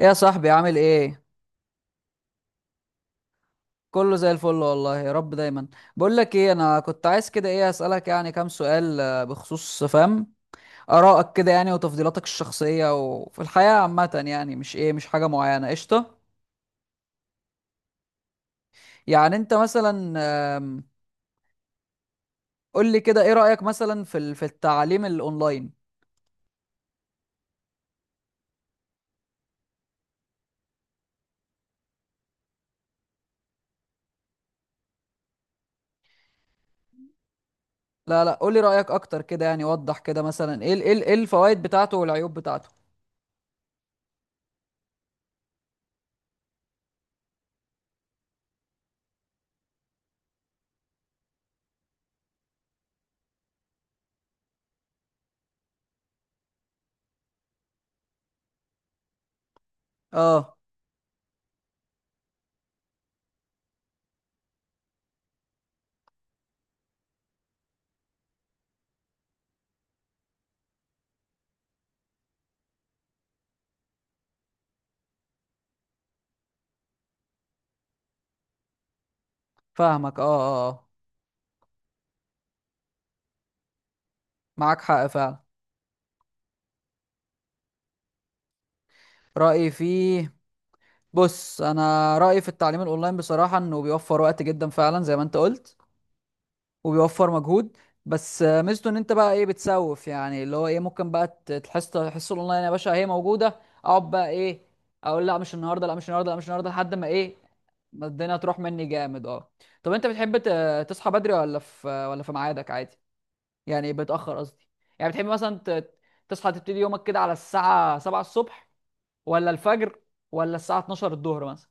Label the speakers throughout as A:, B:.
A: إيه يا صاحبي، عامل ايه؟ كله زي الفل والله، يا رب دايما. بقول لك ايه، انا كنت عايز كده ايه اسالك يعني كام سؤال بخصوص فاهم ارائك كده يعني وتفضيلاتك الشخصيه وفي الحياه عامه، يعني مش ايه، مش حاجه معينه. قشطه، يعني انت مثلا آم، قول لي كده، ايه رايك مثلا في التعليم الاونلاين؟ لا لا، قول لي رايك اكتر كده، يعني وضح كده مثلا، ايه ايه الفوائد بتاعته والعيوب بتاعته؟ اه، فاهمك، اه اه آه. معاك حق فعلا. رأيي فيه، بص، انا رايي في التعليم الاونلاين بصراحه انه بيوفر وقت جدا فعلا زي ما انت قلت، وبيوفر مجهود. بس ميزته ان انت بقى ايه، بتسوف يعني، اللي هو ايه ممكن بقى تحس الحصه الاونلاين يا باشا هي موجوده، اقعد بقى ايه، اقول لا مش النهارده، لا مش النهارده، لا مش النهارده، لحد ما ايه، ما الدنيا تروح مني جامد، اه. طب انت بتحب تصحى بدري، ولا في ميعادك عادي؟ يعني بتاخر، قصدي. يعني بتحب مثلا تصحى تبتدي يومك كده على الساعه 7 الصبح، ولا الفجر، ولا الساعه 12 الظهر مثلا؟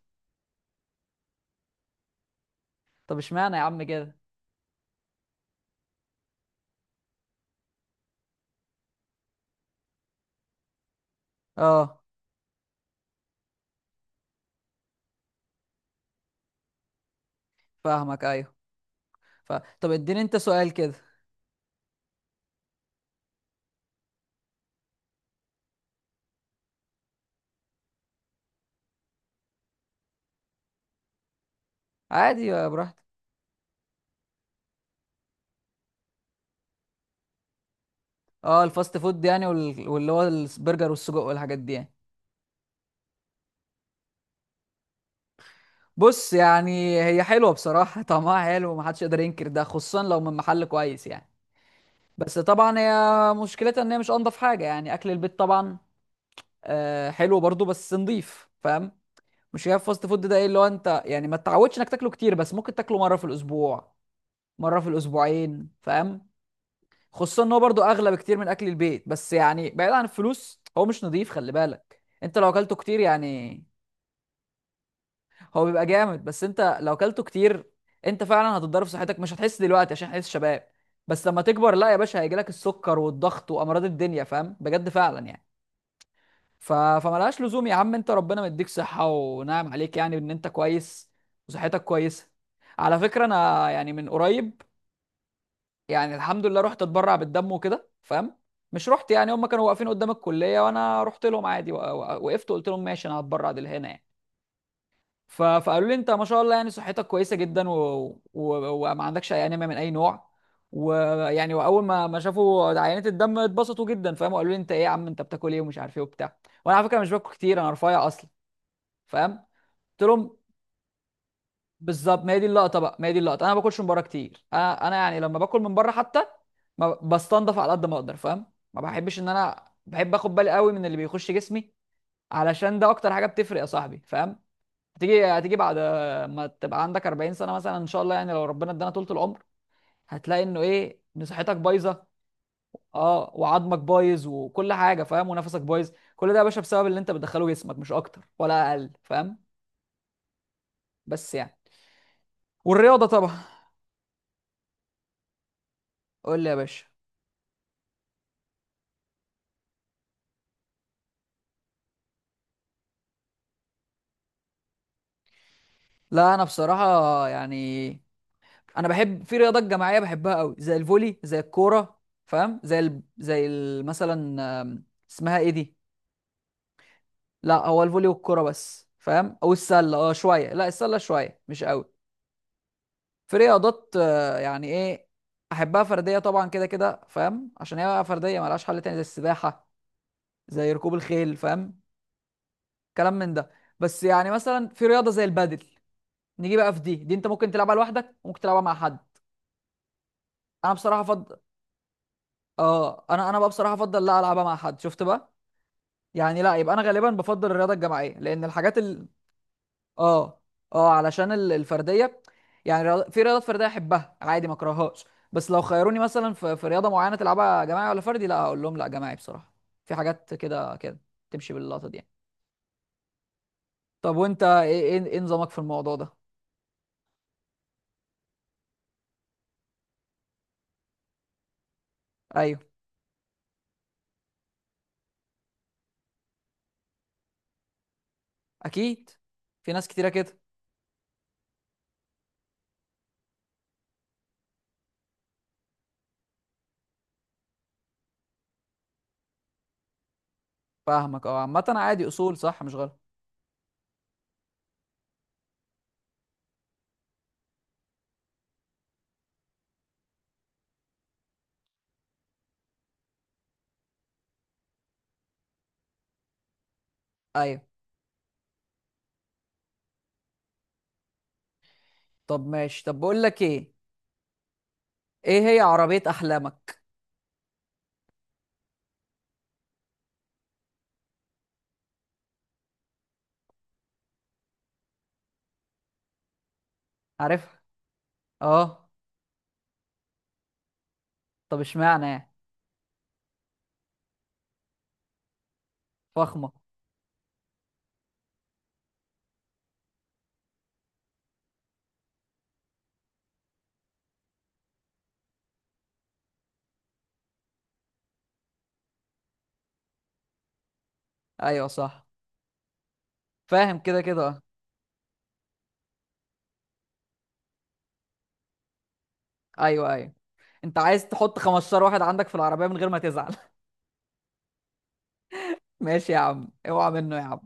A: طب اشمعنى يا عم كده؟ اه، فاهمك، ايوه. ف... طب اديني انت سؤال كده. عادي، يا براحتك. اه، الفاست فود يعني، وال... واللي هو البرجر والسجق والحاجات دي يعني. بص يعني، هي حلوه بصراحه، طعمها حلو ومحدش يقدر ينكر ده، خصوصا لو من محل كويس يعني. بس طبعا هي مشكلتها ان هي مش انضف حاجه يعني، اكل البيت طبعا آه حلو برضو بس نضيف، فاهم؟ مش هي الفاست فود ده ايه اللي هو انت يعني ما تتعودش انك تاكله كتير، بس ممكن تاكله مره في الاسبوع، مره في الاسبوعين، فاهم؟ خصوصا ان هو برضو اغلى بكتير من اكل البيت، بس يعني بعيد عن الفلوس، هو مش نظيف، خلي بالك انت لو اكلته كتير يعني. هو بيبقى جامد، بس انت لو اكلته كتير انت فعلا هتتضرر في صحتك. مش هتحس دلوقتي عشان احنا لسه شباب، بس لما تكبر لا يا باشا، هيجيلك السكر والضغط وامراض الدنيا، فاهم؟ بجد فعلا يعني. ف... فملهاش لزوم يا عم، انت ربنا مديك صحة ونعم عليك يعني، ان انت كويس وصحتك كويسة. على فكرة انا يعني من قريب، يعني الحمد لله، رحت اتبرع بالدم وكده، فاهم؟ مش رحت يعني، هم كانوا واقفين قدام الكليه، وانا رحت لهم عادي، وقفت وقلت لهم ماشي انا هتبرع لهنا يعني. فقالوا لي انت ما شاء الله يعني صحتك كويسه جدا، و... وما عندكش اي انيميا من اي نوع. ويعني، واول ما شافوا عينات الدم اتبسطوا جدا، فاهم؟ وقالوا لي انت ايه يا عم، انت بتاكل ايه ومش عارف ايه وبتاع. وانا على فكره مش باكل كتير، انا رفيع اصلا، فاهم؟ قلت لهم بالظبط، ما هي دي اللقطه بقى، ما هي دي اللقطه، انا ما باكلش من بره كتير، انا يعني لما باكل من بره حتى ما بستنضف على قد ما اقدر، فاهم؟ ما بحبش ان انا، بحب اخد بالي قوي من اللي بيخش جسمي، علشان ده اكتر حاجه بتفرق يا صاحبي، فاهم؟ هتيجي بعد ما تبقى عندك 40 سنه مثلا، ان شاء الله يعني لو ربنا ادانا طولة العمر، هتلاقي انه ايه، ان صحتك بايظه، اه، وعظمك بايظ، وكل حاجه، فاهم؟ ونفسك بايظ، كل ده يا باشا بسبب اللي انت بتدخله جسمك، مش اكتر ولا اقل، فاهم؟ بس يعني، والرياضه طبعا. قول لي يا باشا. لا انا بصراحه يعني، انا بحب في رياضات جماعيه، بحبها قوي، زي الفولي زي الكوره، فاهم؟ زي مثلا اسمها ايه دي، لا هو الفولي والكوره بس، فاهم؟ او السله، اه شويه، لا السله شويه مش قوي. في رياضات يعني ايه، احبها فرديه طبعا كده كده، فاهم؟ عشان هي بقى فرديه ملهاش حل تاني، زي السباحه زي ركوب الخيل، فاهم؟ كلام من ده. بس يعني مثلا، في رياضه زي البادل، نيجي بقى في دي انت ممكن تلعبها لوحدك وممكن تلعبها مع حد. انا بصراحه اه، انا بقى بصراحه افضل لا، العبها مع حد، شفت بقى؟ يعني لا، يبقى انا غالبا بفضل الرياضه الجماعيه، لان اه اه، علشان الفرديه، يعني في رياضات فرديه احبها عادي ما اكرههاش، بس لو خيروني مثلا في رياضه معينه تلعبها جماعي ولا فردي، لا هقول لهم لا جماعي بصراحه. في حاجات كده كده تمشي باللقطه دي يعني. طب وانت ايه، إيه نظامك في الموضوع ده؟ ايوه، اكيد، في ناس كتيره كده. فاهمك، اه، عامه عادي، اصول، صح مش غلط. ايوه. طب ماشي، طب بقول لك ايه، ايه هي عربيه احلامك؟ عارفها، اه. طب اشمعنى يعني؟ فخمة. ايوه صح، فاهم كده كده، اه. ايوه ايوه، انت عايز تحط 15 واحد عندك في العربية من غير ما تزعل. ماشي يا عم، اوعى منه يا عم.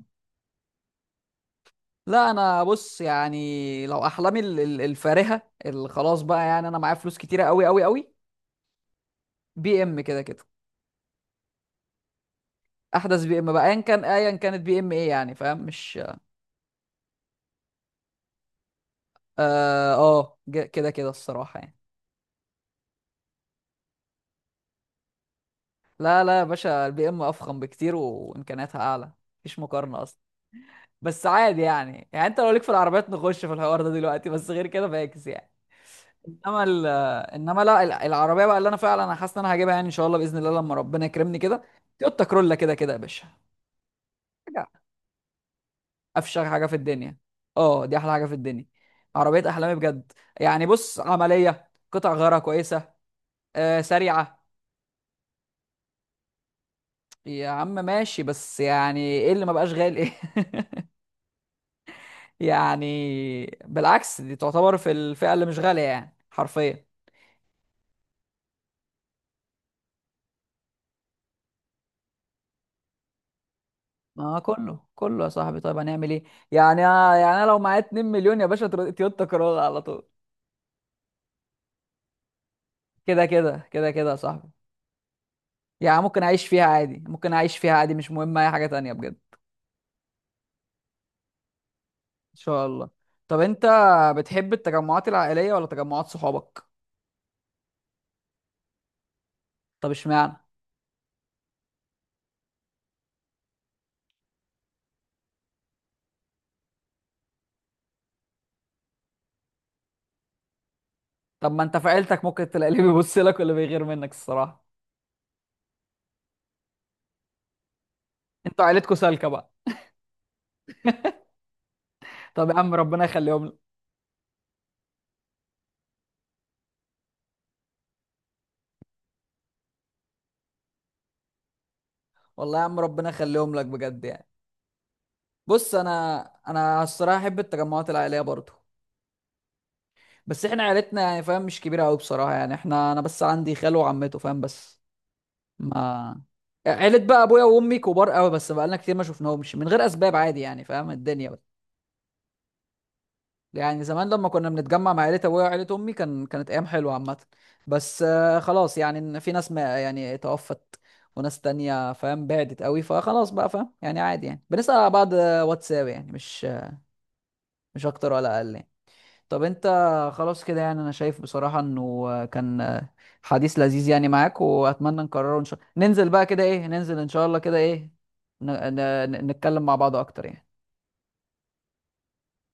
A: لا انا بص يعني، لو احلامي الفارهة، اللي خلاص بقى يعني انا معايا فلوس كتيرة قوي قوي قوي، بي ام كده كده. احدث بي ام بقى، ايا كان، ايا كانت بي ام ايه يعني، فاهم؟ مش اه كده كده الصراحة يعني. لا لا يا باشا، البي ام افخم بكتير وامكانياتها اعلى، مفيش مقارنة. بس عادي يعني، يعني انت لو ليك في العربيات نخش في الحوار ده دلوقتي، بس غير كده فاكس يعني. انما ال انما لا ال- العربيه بقى اللي انا فعلا انا حاسس ان انا هجيبها يعني، ان شاء الله باذن الله لما ربنا يكرمني كده، تويوتا كرولا كده كده يا باشا. حاجه، افشخ حاجه في الدنيا، اه، دي احلى حاجه في الدنيا، عربيه احلامي بجد. يعني بص، عمليه قطع غيارها كويسه، آه، سريعه. يا عم ماشي، بس يعني ايه اللي ما بقاش غالي ايه؟ يعني بالعكس، دي تعتبر في الفئه اللي مش غاليه يعني حرفيا. ما كله كله يا صاحبي، طيب هنعمل ايه؟ يعني، يعني انا لو معايا 2 مليون يا باشا، تويوتا كرولا على طول، كده كده كده كده يا صاحبي. يعني ممكن اعيش فيها عادي، ممكن اعيش فيها عادي، مش مهم اي حاجة تانية بجد، ان شاء الله. طب انت بتحب التجمعات العائلية ولا تجمعات صحابك؟ طب اشمعنى؟ طب ما انت في عيلتك ممكن تلاقي اللي بيبص لك واللي بيغير منك، الصراحة. انتوا عيلتكوا سالكة بقى. طب يا عم ربنا يخليهم لك. والله يا عم ربنا يخليهم لك بجد يعني. بص انا، انا الصراحة احب التجمعات العائلية برضو. بس احنا عيلتنا يعني فاهم، مش كبيره قوي بصراحه يعني، احنا انا بس عندي خاله وعمته فاهم، بس. ما عيلة بقى ابويا وامي كبار قوي، بس بقالنا كتير ما شفناهمش من غير اسباب، عادي يعني، فاهم؟ الدنيا بقى. يعني زمان لما كنا بنتجمع مع عيلة ابويا وعيلة امي، كان كانت ايام حلوه عامه، بس خلاص يعني، إن في ناس ما يعني توفت، وناس تانية فاهم بعدت قوي، فخلاص بقى، فاهم يعني؟ عادي يعني، بنسأل على بعض واتساب يعني، مش مش اكتر ولا اقل يعني. طب انت، خلاص كده يعني. انا شايف بصراحة انه كان حديث لذيذ يعني معاك، واتمنى نكرره ان شاء الله، ننزل بقى كده ايه، ننزل ان شاء الله كده ايه، ن... نتكلم مع بعض اكتر يعني.